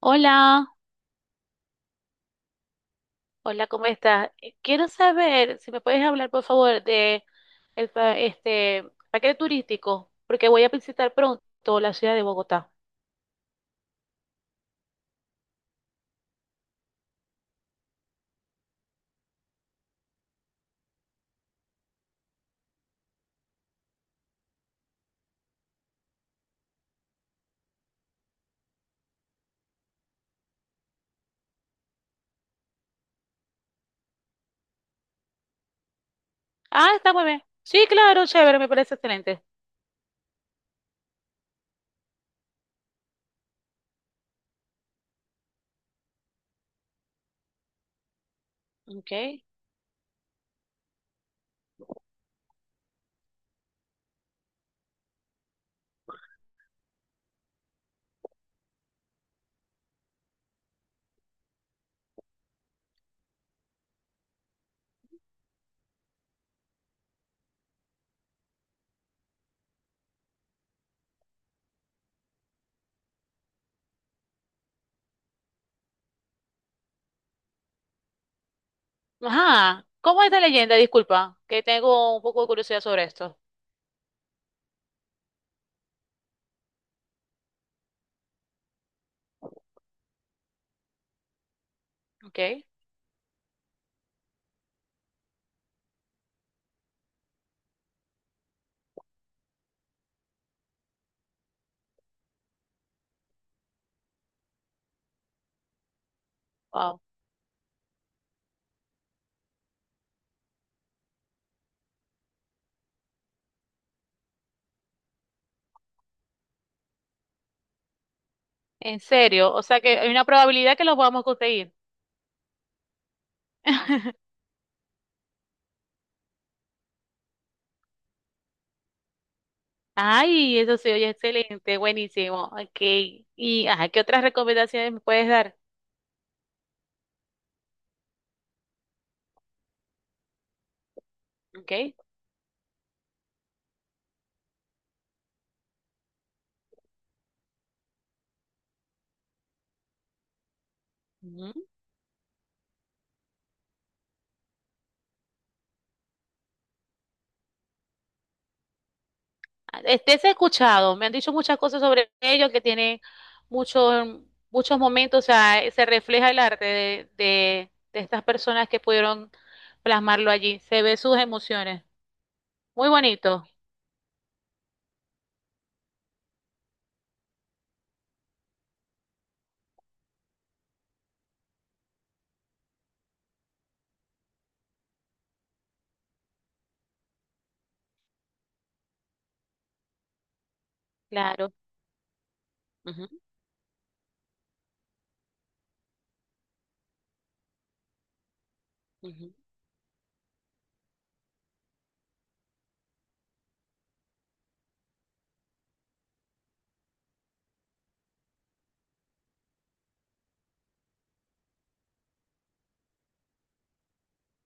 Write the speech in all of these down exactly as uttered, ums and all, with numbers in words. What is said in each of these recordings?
Hola, hola, ¿cómo estás? Eh, Quiero saber si me puedes hablar, por favor, de el pa- este paquete turístico, porque voy a visitar pronto la ciudad de Bogotá. Ah, está muy bien. Sí, claro, chévere, me parece excelente. Ok. Ajá, ¿cómo es esta leyenda? Disculpa, que tengo un poco de curiosidad sobre esto. Ok, wow. En serio, o sea que hay una probabilidad que los vamos a conseguir. Ay, eso se oye excelente, buenísimo. Ok. Y ajá, ¿qué otras recomendaciones me puedes dar? Ok. Ujú. Ah, este se ha escuchado, me han dicho muchas cosas sobre ellos que tienen muchos muchos momentos, o sea, eh, se refleja el arte de, de, de estas personas que pudieron plasmarlo allí. Se ve sus emociones. Muy bonito. Claro. Ujú, ujú.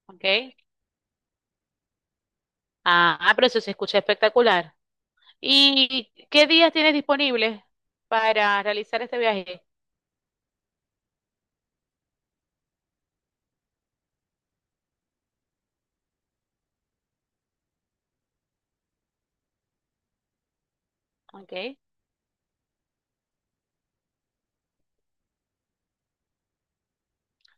Ok. Ah, pero eso se escucha espectacular. ¿Y qué días tienes disponibles para realizar este viaje? Okay.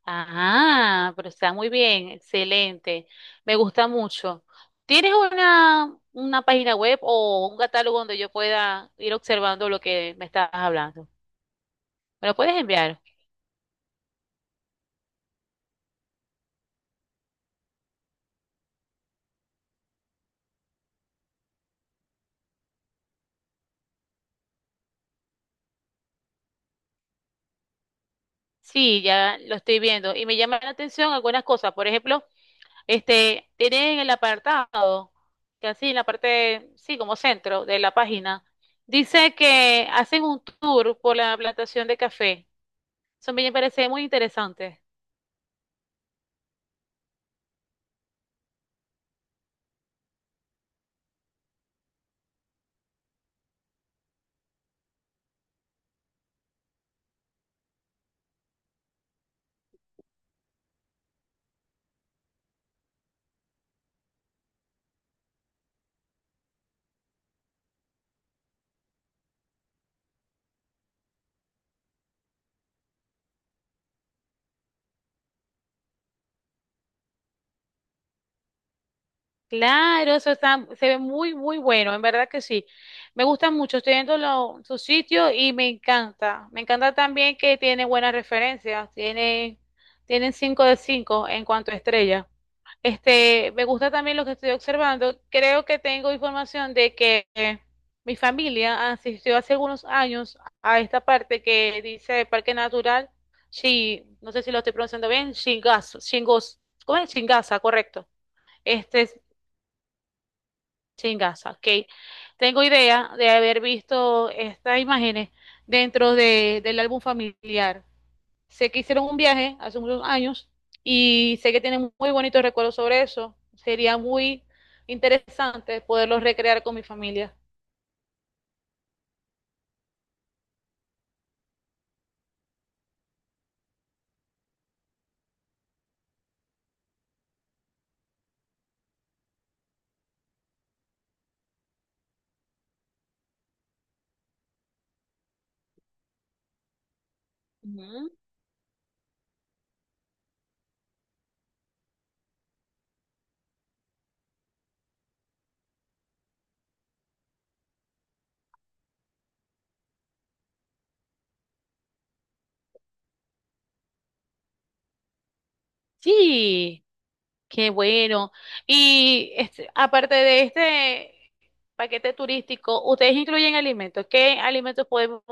Ah, pero está muy bien, excelente. Me gusta mucho. ¿Tienes una, una página web o un catálogo donde yo pueda ir observando lo que me estás hablando? ¿Me lo puedes enviar? Sí, ya lo estoy viendo y me llaman la atención algunas cosas. Por ejemplo, este, tienen el apartado, que así en la parte, sí, como centro de la página, dice que hacen un tour por la plantación de café. Eso me parece muy interesante. Claro, eso está, se ve muy, muy bueno, en verdad que sí. Me gusta mucho, estoy viendo lo- su sitio y me encanta. Me encanta también que tiene buenas referencias, tiene, tienen cinco de cinco en cuanto a estrellas. Este, me gusta también lo que estoy observando. Creo que tengo información de que eh, mi familia asistió hace algunos años a esta parte que dice Parque Natural, Shi- no sé si lo estoy pronunciando bien, Shingas, Shingos, ¿cómo es? Shingasa, correcto. Este, sí, en ok. Tengo idea de haber visto estas imágenes dentro de- del álbum familiar. Sé que hicieron un viaje hace muchos años y sé que tienen muy bonitos recuerdos sobre eso. Sería muy interesante poderlos recrear con mi familia. Ujú. Sí, qué bueno. Y este, aparte de este paquete turístico, ¿ustedes incluyen alimentos? ¿Qué alimentos podemos,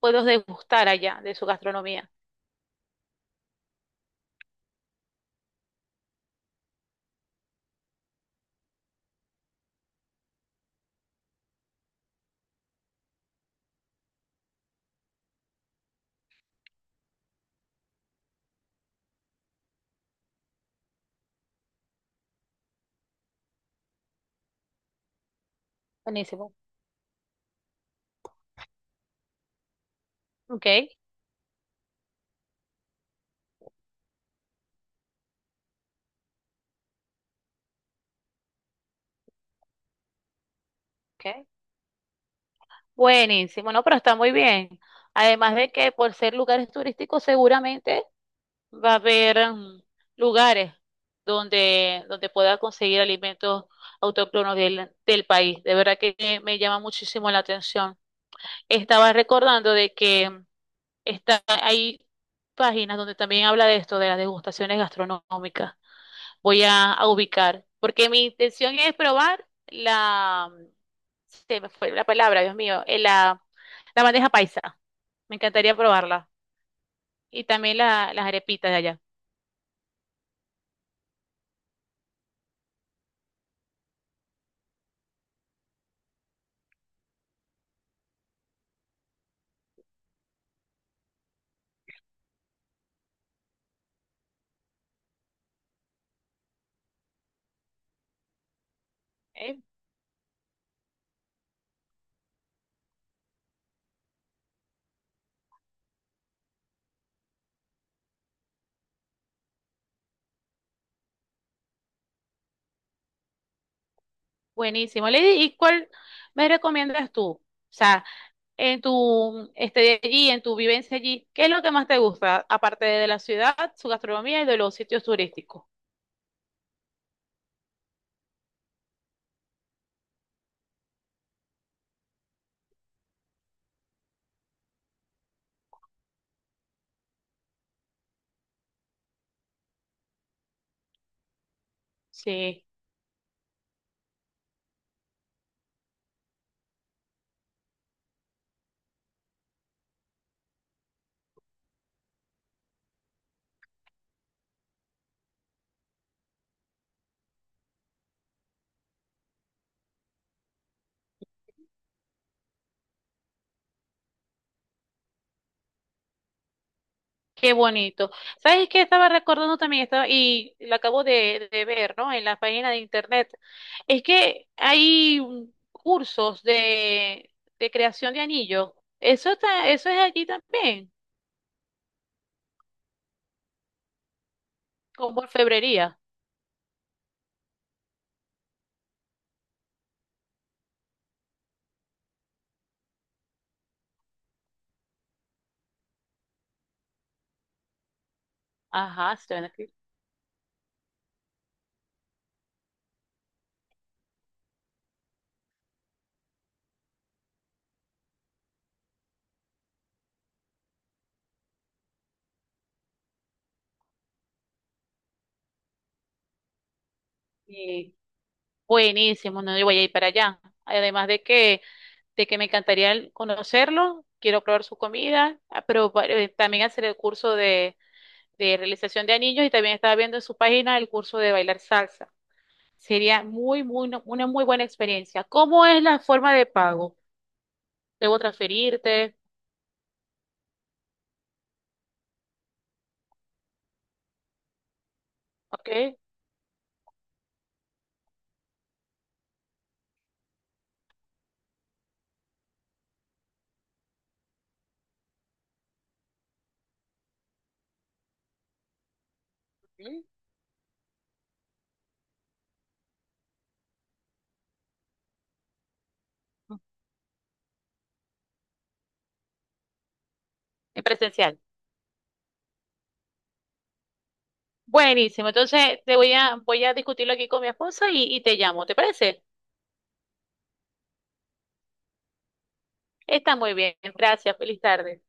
podemos degustar allá de su gastronomía? Buenísimo. Ok, ok. Buenísimo, no, pero está muy bien. Además de que por ser lugares turísticos, seguramente va a haber mm, lugares donde, donde pueda conseguir alimentos autóctonos del, del país. De verdad que me, me llama muchísimo la atención. Estaba recordando de que mm, está, hay páginas donde también habla de esto, de las degustaciones gastronómicas. Voy a, a ubicar, porque mi intención es probar la, se me fue la palabra, Dios mío, eh, la, la bandeja paisa. Me encantaría probarla. Y también la- las arepitas de allá. Eh, Buenísimo. Lady, ¿y cuál me recomiendas tú? O sea, en tu, este de allí, en tu vivencia allí, ¿qué es lo que más te gusta, aparte de la ciudad, su gastronomía y de los sitios turísticos? Sí. Qué bonito. ¿Sabes qué? Estaba recordando también, estaba, y lo acabo de, de ver, ¿no? En la página de internet. Es que hay mm, cursos de, de creación de anillos. Eso está, eso es allí también, con orfebrería. Ajá, se ven aquí. Y buenísimo, no, yo voy a ir para allá. Además de que, de que me encantaría el- conocerlo, quiero probar su comida, ah, pero pa- eh, también hacer el curso de, de realización de anillos y también estaba viendo en su página el curso de bailar salsa. Sería muy, muy, no- una muy buena experiencia. ¿Cómo es la forma de pago? ¿Debo transferirte? ¿Ok? Ujú. En presencial. Buenísimo. Entonces te voy a, voy a discutirlo aquí con mi esposa y, y te llamo. ¿Te parece? Está muy bien. Gracias. Feliz tarde.